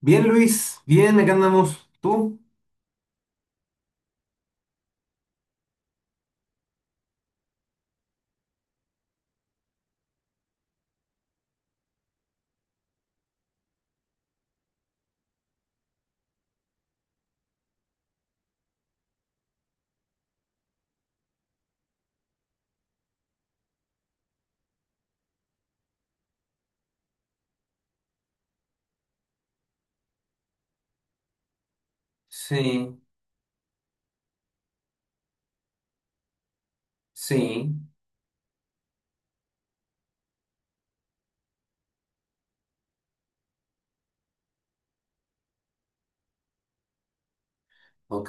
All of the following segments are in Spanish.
Bien, Luis, bien, acá andamos. ¿Tú? Sí, sí, ok.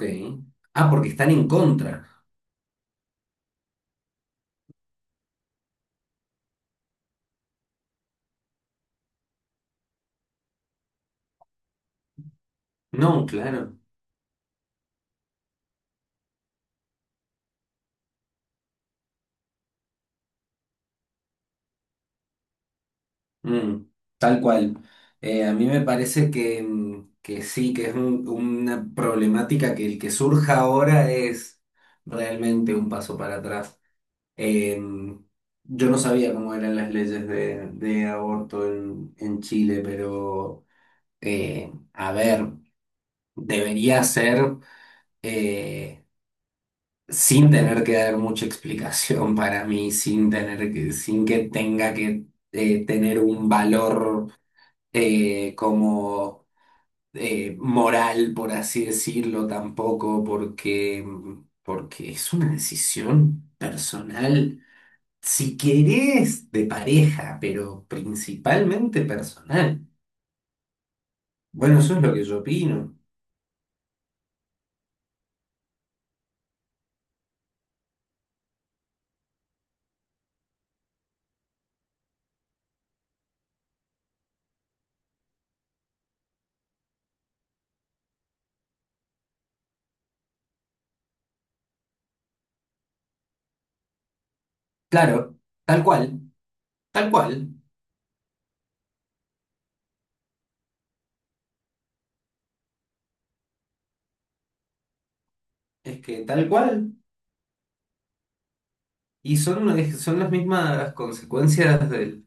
Ah, porque están en contra. No, claro. Mm, tal cual. A mí me parece que, que sí, que es una problemática que el que surja ahora es realmente un paso para atrás. Em, yo no sabía cómo eran las leyes de aborto en Chile, pero a ver, debería ser, eh, sin tener que dar mucha explicación para mí, sin tener que, sin que tenga que tener un valor como moral, por así decirlo, tampoco, porque, porque es una decisión personal, si querés, de pareja, pero principalmente personal. Bueno, eso es lo que yo opino. Claro, tal cual, tal cual. Es que tal cual. Y son, son las mismas consecuencias del,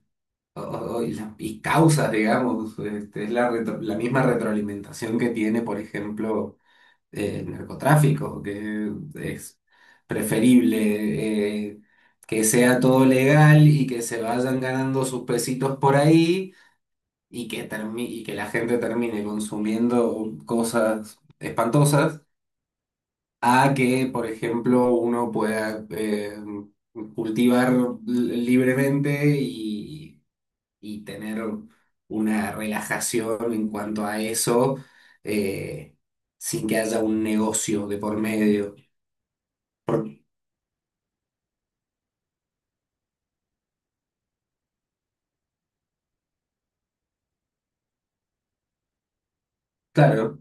y y causas, digamos. Este, es la, la misma retroalimentación que tiene, por ejemplo, el narcotráfico, que es preferible que sea todo legal y que se vayan ganando sus pesitos por ahí y que, y que la gente termine consumiendo cosas espantosas a que, por ejemplo, uno pueda cultivar libremente y tener una relajación en cuanto a eso, eh, sin que haya un negocio de por medio. Por- claro.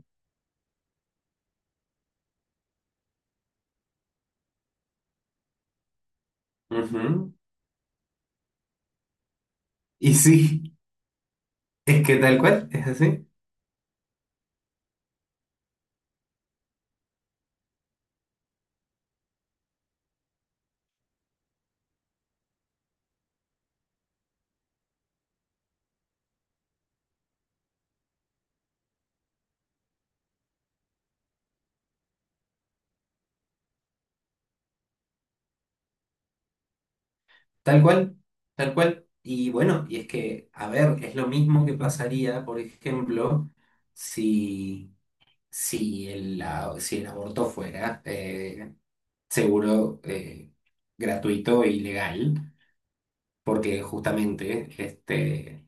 Ujú. Y sí, es que tal cual, es así, tal cual, tal cual. Y bueno, y es que, a ver, es lo mismo que pasaría, por ejemplo, si si el, si el aborto fuera seguro, gratuito y legal, porque justamente este,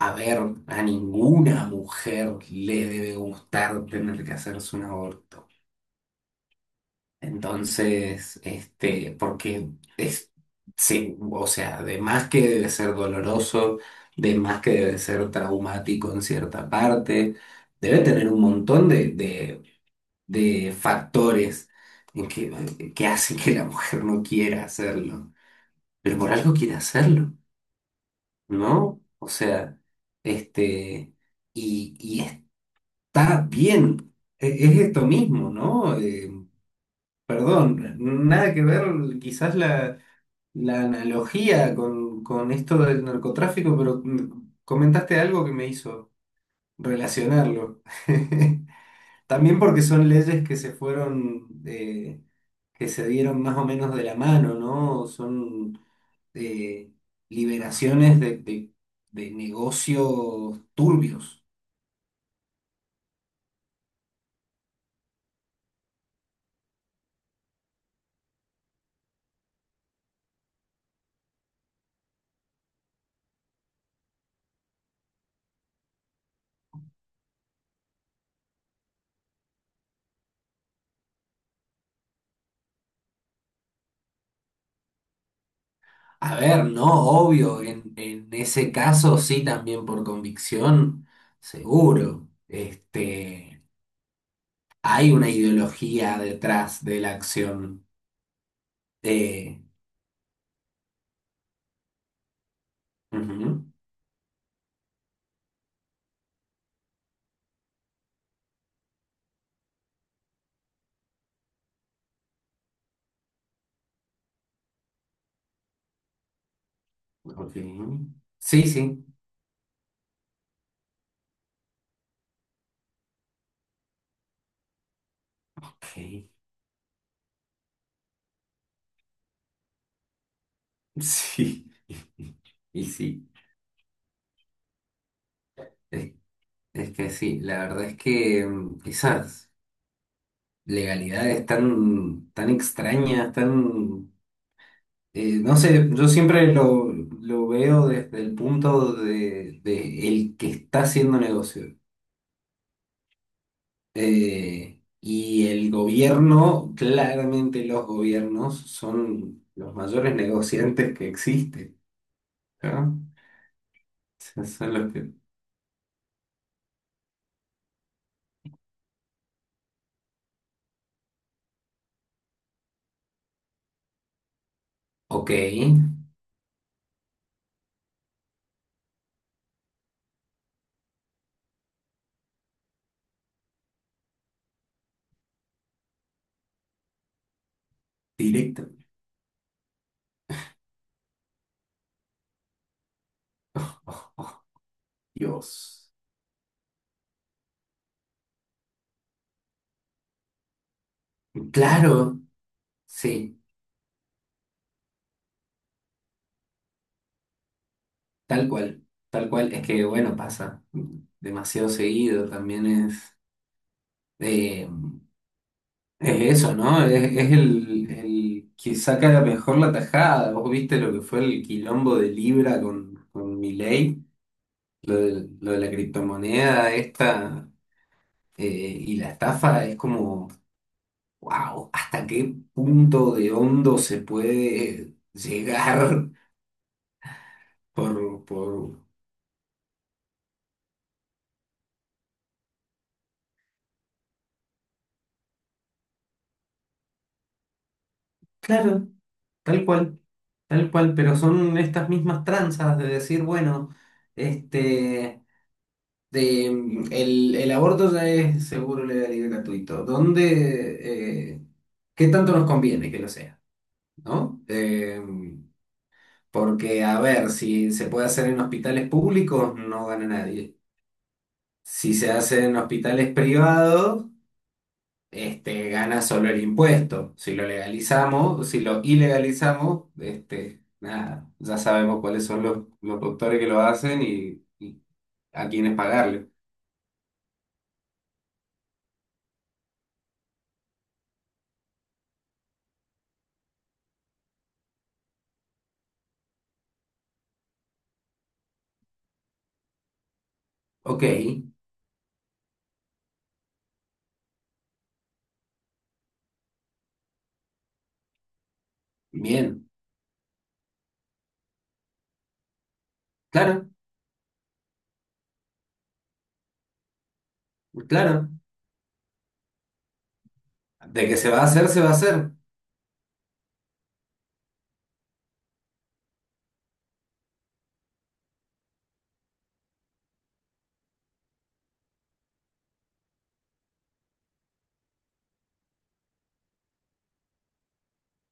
a ver, a ninguna mujer le debe gustar tener que hacerse un aborto. Entonces, este, porque es, sí, o sea, de más que debe ser doloroso, de más que debe ser traumático en cierta parte, debe tener un montón de factores en que hacen que la mujer no quiera hacerlo, pero por algo quiere hacerlo, ¿no? O sea, este, y está bien. Es, esto mismo, ¿no? Perdón, nada que ver quizás la analogía con esto del narcotráfico, pero comentaste algo que me hizo relacionarlo. También porque son leyes que se fueron, que se dieron más o menos de la mano, ¿no? Son eh, liberaciones de, de negocios turbios. A ver, no, obvio, en ese caso sí, también por convicción, seguro. Este, hay una ideología detrás de la acción. Eh, ujú, ok. Sí, sí. Ok. Sí, y sí. Es que sí, la verdad es que esas legalidades tan, tan extrañas, tan... no sé, yo siempre lo veo desde el punto de el que está haciendo negocio. Y el gobierno, claramente los gobiernos son los mayores negociantes que existen, ¿no? O sea, son los que... ok, directo. Oh, oh, Dios. Claro, sí. Tal cual, tal cual. Es que, bueno, pasa demasiado seguido. También eh, es eso, ¿no? Es el que saca la mejor la tajada. Vos viste lo que fue el quilombo de Libra con Milei, lo de la criptomoneda esta y la estafa es como, wow, ¿hasta qué punto de hondo se puede llegar por... claro. Tal cual, tal cual, pero son estas mismas tranzas de decir, bueno, este, de, el aborto ya es seguro, legal y gratuito. ¿Dónde, qué tanto nos conviene que lo sea, ¿no? Porque, a ver, si se puede hacer en hospitales públicos, no gana nadie. Si se hace en hospitales privados, este, gana solo el impuesto. Si lo legalizamos, si lo ilegalizamos, este, nada, ya sabemos cuáles son los doctores que lo hacen y a quiénes pagarle. Ok, bien, claro, claro. De que se va a hacer, se va a hacer.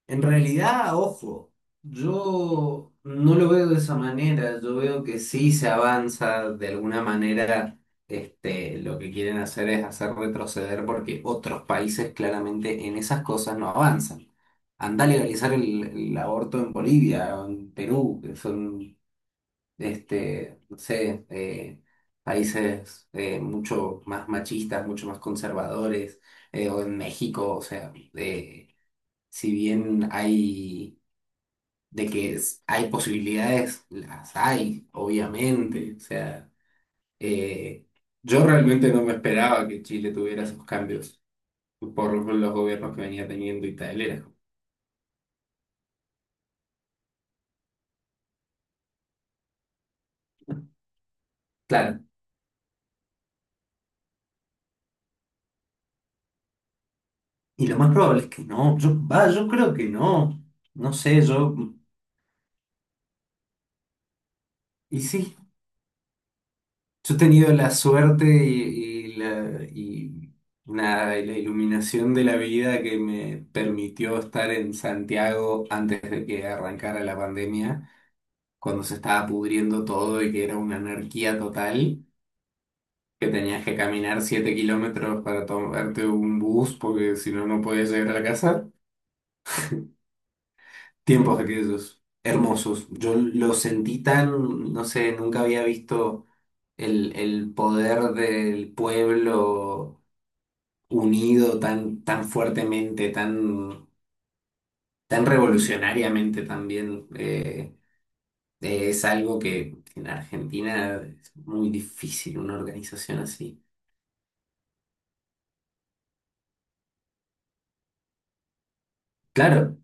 En realidad, ojo, yo no lo veo de esa manera, yo veo que sí se avanza de alguna manera, este, lo que quieren hacer es hacer retroceder porque otros países claramente en esas cosas no avanzan. Anda a legalizar el aborto en Bolivia, o en Perú, que son, este, no sé, países mucho más machistas, mucho más conservadores, o en México, o sea... si bien hay de que hay posibilidades, las hay, obviamente. O sea, eh, yo realmente no me esperaba que Chile tuviera esos cambios por los gobiernos que venía teniendo y tal. Era como, claro. Y lo más probable es que no. Yo, va, yo creo que no. No sé, yo. Y sí, yo he tenido la suerte y y nada, y la iluminación de la vida que me permitió estar en Santiago antes de que arrancara la pandemia, cuando se estaba pudriendo todo y que era una anarquía total, que tenías que caminar 7 km para tomarte un bus porque si no, no podías llegar a la casa. Tiempos aquellos hermosos. Yo lo sentí tan, no sé, nunca había visto el poder del pueblo unido tan, tan fuertemente, tan, tan revolucionariamente también. Es algo que en Argentina es muy difícil, una organización así. Claro,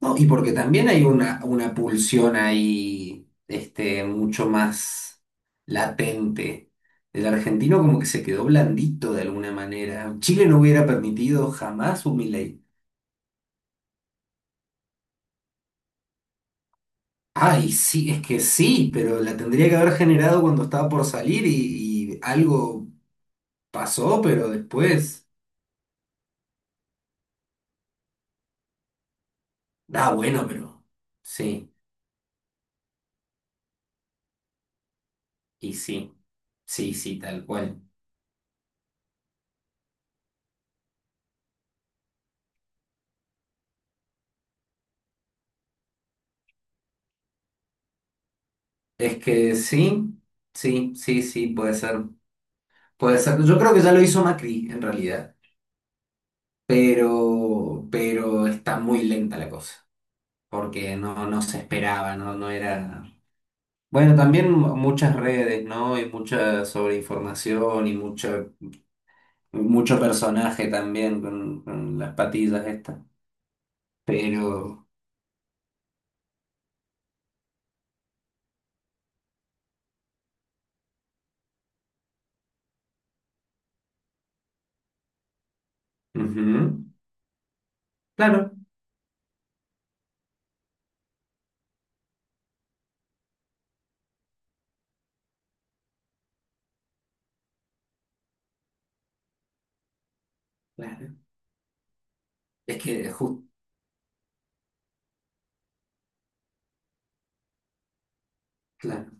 no, y porque también hay una pulsión ahí, este, mucho más latente. El argentino como que se quedó blandito de alguna manera. Chile no hubiera permitido jamás un Milei. Ay, sí, es que sí, pero la tendría que haber generado cuando estaba por salir y algo pasó, pero después. Ah, bueno, pero sí, y sí, sí, sí, tal cual. Es que sí, sí, sí, sí, puede ser. Puede ser, yo creo que ya lo hizo Macri en realidad, pero está muy lenta la cosa, porque no, no se esperaba, no, no era... Bueno, también muchas redes, ¿no? Y mucha sobreinformación y mucho, mucho personaje también con las patillas estas, pero... ujú, claro, claro. Es que, claro,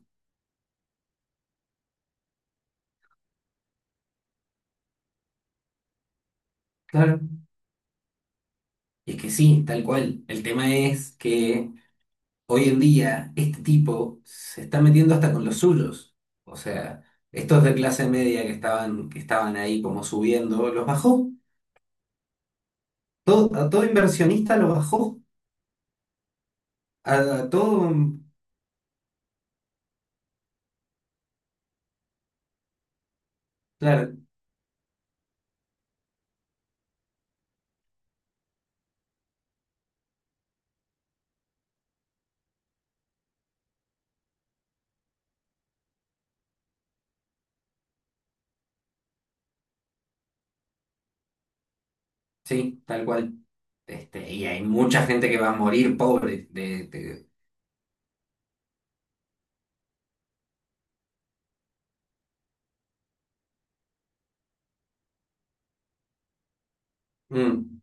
claro. Y es que sí, tal cual. El tema es que... hoy en día este tipo se está metiendo hasta con los suyos. O sea, estos de clase media que estaban ahí como subiendo, los bajó. Todo, a todo inversionista lo bajó. A, a todo, claro, sí, tal cual. Este, y hay mucha gente que va a morir pobre. Mm,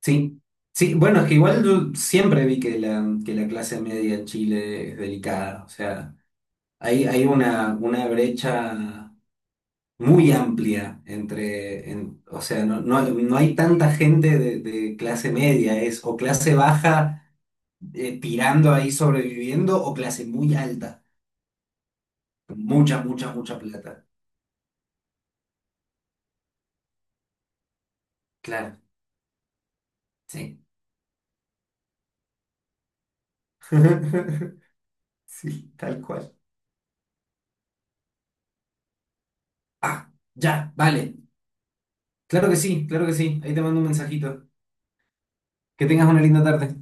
sí. Sí, bueno, es que igual yo siempre vi que la clase media en Chile es delicada. O sea, hay una brecha muy amplia entre, o sea, no, no, no hay tanta gente de clase media, es o clase baja tirando ahí sobreviviendo o clase muy alta, con mucha, mucha, mucha plata. Claro, sí. Sí, tal cual. Ah, ya, vale. Claro que sí, claro que sí. Ahí te mando un mensajito. Que tengas una linda tarde.